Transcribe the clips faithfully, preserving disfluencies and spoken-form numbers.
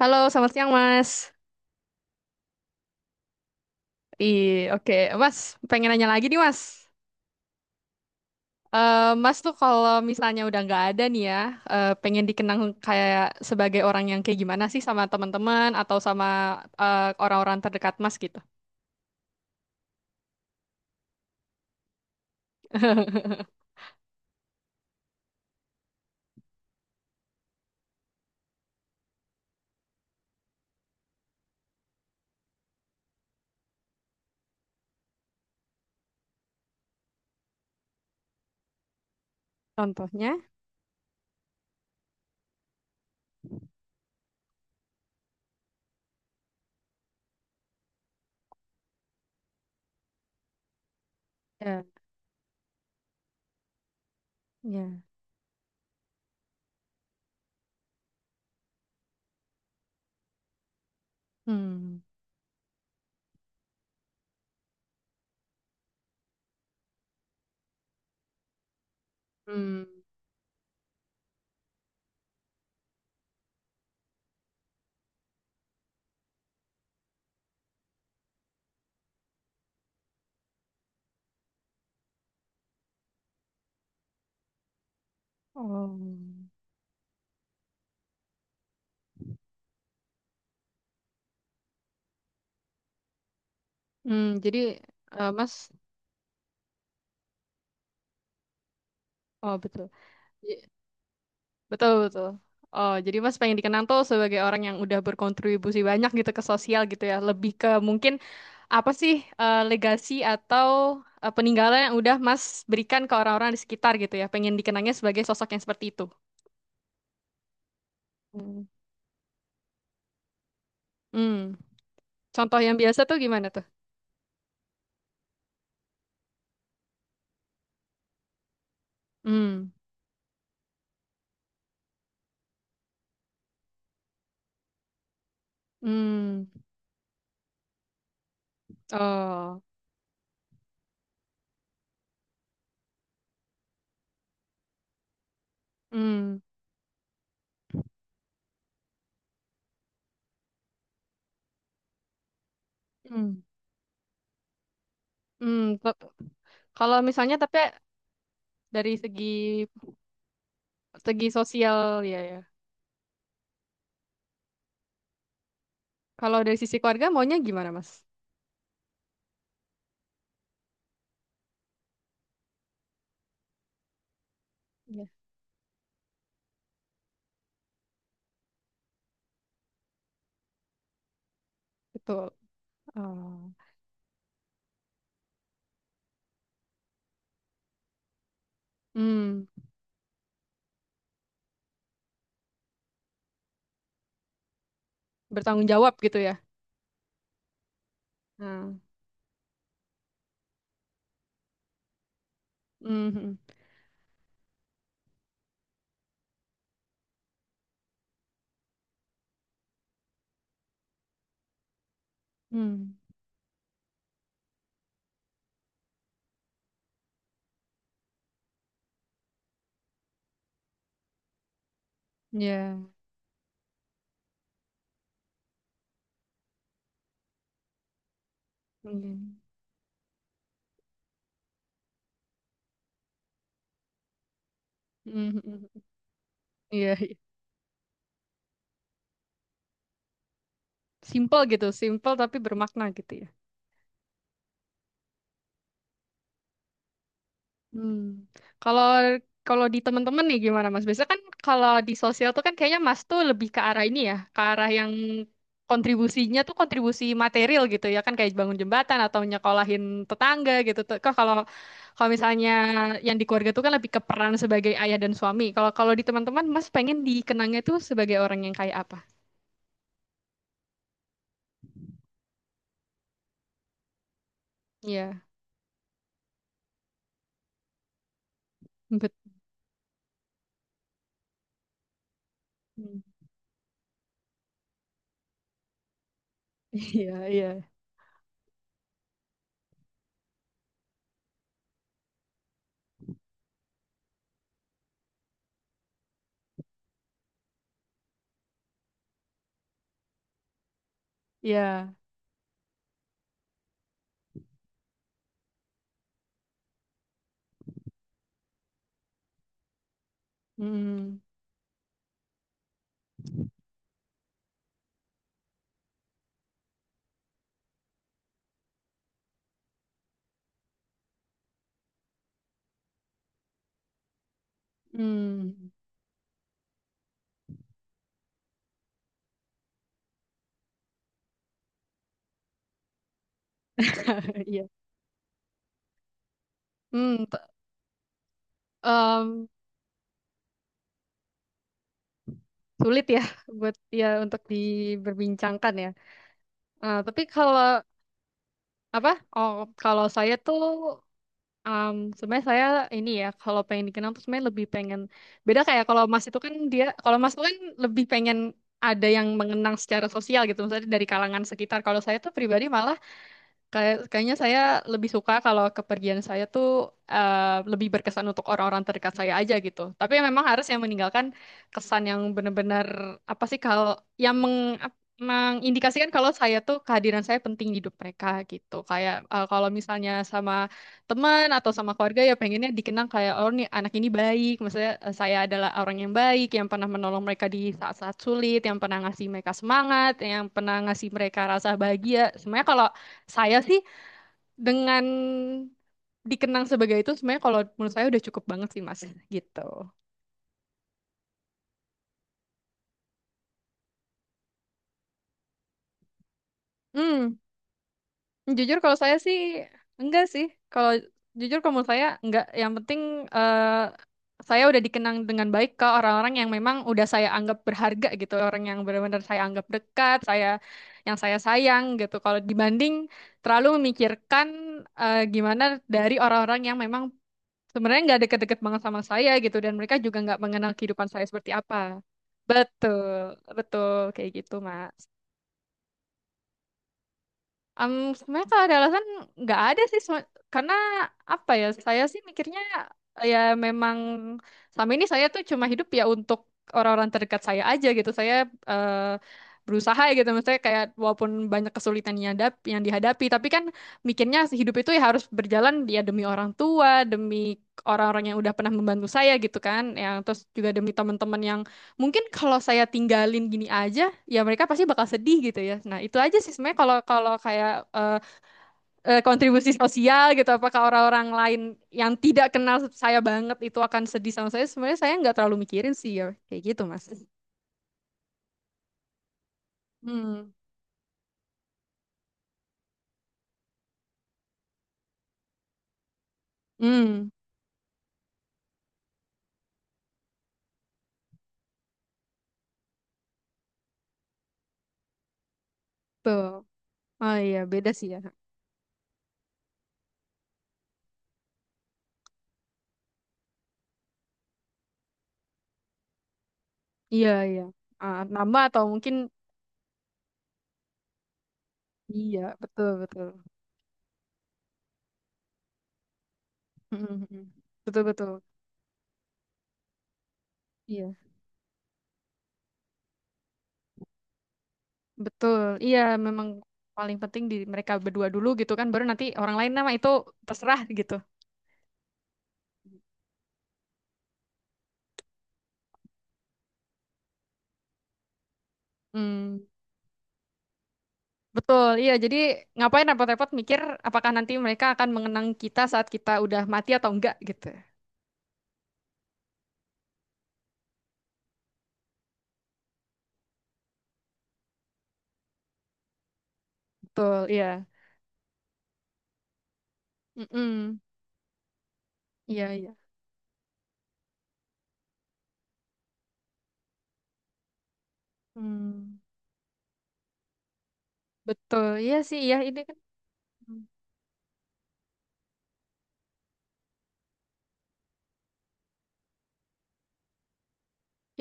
Halo, selamat siang Mas. Ih, oke. Mas, pengen nanya lagi nih Mas. Eh, mas tuh kalau misalnya udah nggak ada nih ya, eh, pengen dikenang kayak sebagai orang yang kayak gimana sih sama teman-teman atau sama eh, orang-orang terdekat Mas gitu? Contohnya, ya, ya. Hmm. Hmm. Oh. Hmm, jadi eh, Mas, oh betul. J- Betul, betul. Oh, jadi Mas pengen dikenang tuh sebagai orang yang udah berkontribusi banyak gitu ke sosial gitu ya. Lebih ke mungkin apa sih eh, legasi atau eh, peninggalan yang udah Mas berikan ke orang-orang di sekitar gitu ya? Pengen dikenangnya sebagai sosok yang seperti itu. Hmm. Hmm. Contoh yang biasa tuh gimana tuh? Hmm. Hmm. Oh. Hmm. Hmm. Hmm. Pe- Kalau misalnya tapi dari segi segi sosial ya, ya. Kalau dari sisi keluarga maunya gimana, Mas? Iya. Betul. Oh. Hmm. Bertanggung jawab gitu ya. Nah. Hmm. Hmm. Ya. Hmm. Mhm, iya, iya. Simple gitu, simple tapi bermakna gitu ya. Hmm. Kalau kalau di teman-teman nih gimana Mas? Biasanya kan kalau di sosial tuh kan kayaknya Mas tuh lebih ke arah ini ya, ke arah yang kontribusinya tuh kontribusi material gitu ya kan kayak bangun jembatan atau nyekolahin tetangga gitu. Tuh. Kok kalau kalau misalnya yang di keluarga tuh kan lebih ke peran sebagai ayah dan suami. Kalau kalau di teman-teman Mas pengen dikenangnya tuh sebagai orang yang kayak apa? Iya, bet. Hmm. Iya, iya, iya. Hmm. Hmm, iya. Hmm, t- um, sulit ya buat ya untuk diberbincangkan ya. Eh, tapi kalau apa? Oh, kalau saya tuh um, sebenarnya saya ini ya kalau pengen dikenal tuh sebenarnya lebih pengen beda kayak kalau Mas itu kan dia kalau Mas itu kan lebih pengen ada yang mengenang secara sosial gitu, misalnya dari kalangan sekitar. Kalau saya tuh pribadi malah kayak, kayaknya saya lebih suka kalau kepergian saya tuh eh, lebih berkesan untuk orang-orang terdekat saya aja gitu. Tapi memang harus yang meninggalkan kesan yang benar-benar apa sih kalau yang meng, ap- mengindikasikan kalau saya tuh kehadiran saya penting di hidup mereka gitu. Kayak eh, kalau misalnya sama teman atau sama keluarga ya pengennya dikenang kayak oh nih anak ini baik, maksudnya eh, saya adalah orang yang baik yang pernah menolong mereka di saat-saat sulit, yang pernah ngasih mereka semangat, yang pernah ngasih mereka rasa bahagia. Semuanya kalau saya sih dengan dikenang sebagai itu sebenarnya kalau menurut saya udah cukup banget sih Mas gitu. Hmm, jujur kalau saya sih enggak sih. Kalau jujur kalau menurut saya enggak. Yang penting eh, saya udah dikenang dengan baik ke orang-orang yang memang udah saya anggap berharga gitu, orang yang benar-benar saya anggap dekat, saya yang saya sayang gitu. Kalau dibanding terlalu memikirkan eh, gimana dari orang-orang yang memang sebenarnya nggak deket-deket banget sama saya gitu dan mereka juga nggak mengenal kehidupan saya seperti apa. Betul, betul kayak gitu, Mak. Em, sebenarnya kalau ada alasan nggak ada sih Sem- karena apa ya saya sih mikirnya ya memang sama ini saya tuh cuma hidup ya untuk orang-orang terdekat saya aja gitu saya eh, berusaha ya gitu maksudnya kayak walaupun banyak kesulitan yang dap- yang dihadapi tapi kan mikirnya hidup itu ya harus berjalan ya demi orang tua demi orang-orang yang udah pernah membantu saya gitu kan yang terus juga demi teman-teman yang mungkin kalau saya tinggalin gini aja ya mereka pasti bakal sedih gitu ya nah itu aja sih sebenarnya kalau kalau kayak eh, eh, kontribusi sosial gitu apakah orang-orang lain yang tidak kenal saya banget itu akan sedih sama saya sebenarnya saya nggak terlalu mikirin sih ya kayak gitu mas. Hmm. Hmm. Tuh. Oh iya beda sih ya. Iya iya. Ah, nama atau mungkin iya betul betul. Mm, mm, mm. Betul betul iya. Betul, iya memang paling penting di mereka berdua dulu gitu kan, baru nanti orang lain nama itu terserah gitu. Hmm, betul, iya jadi ngapain repot-repot mikir apakah nanti mereka akan mengenang kita saat kita udah mati atau enggak gitu. Betul, iya. Mm-mm. Iya, iya. Hmm, betul, iya sih, iya ini kan. Hmm.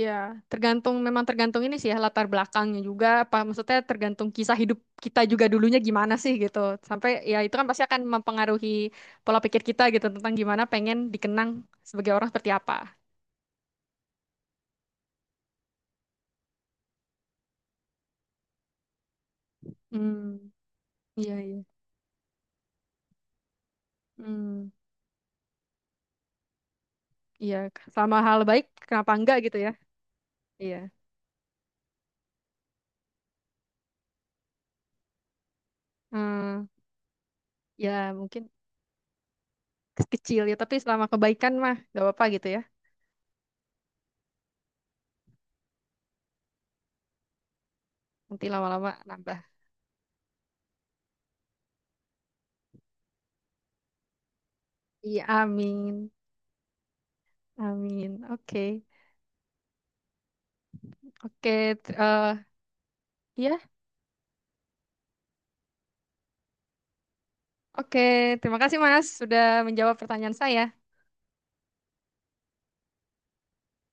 Ya, tergantung memang tergantung ini sih ya latar belakangnya juga apa maksudnya tergantung kisah hidup kita juga dulunya gimana sih gitu. Sampai ya itu kan pasti akan mempengaruhi pola pikir kita gitu tentang gimana pengen dikenang sebagai orang seperti apa. Hmm, iya iya. Hmm, iya sama hal baik kenapa enggak gitu ya. Iya. Hmm, ya mungkin kecil ya tapi selama kebaikan mah gak apa-apa gitu ya. Nanti lama-lama nambah. Iya, amin. Amin. Oke. Oke, t- eh, ya. Oke, terima kasih Mas sudah menjawab pertanyaan saya.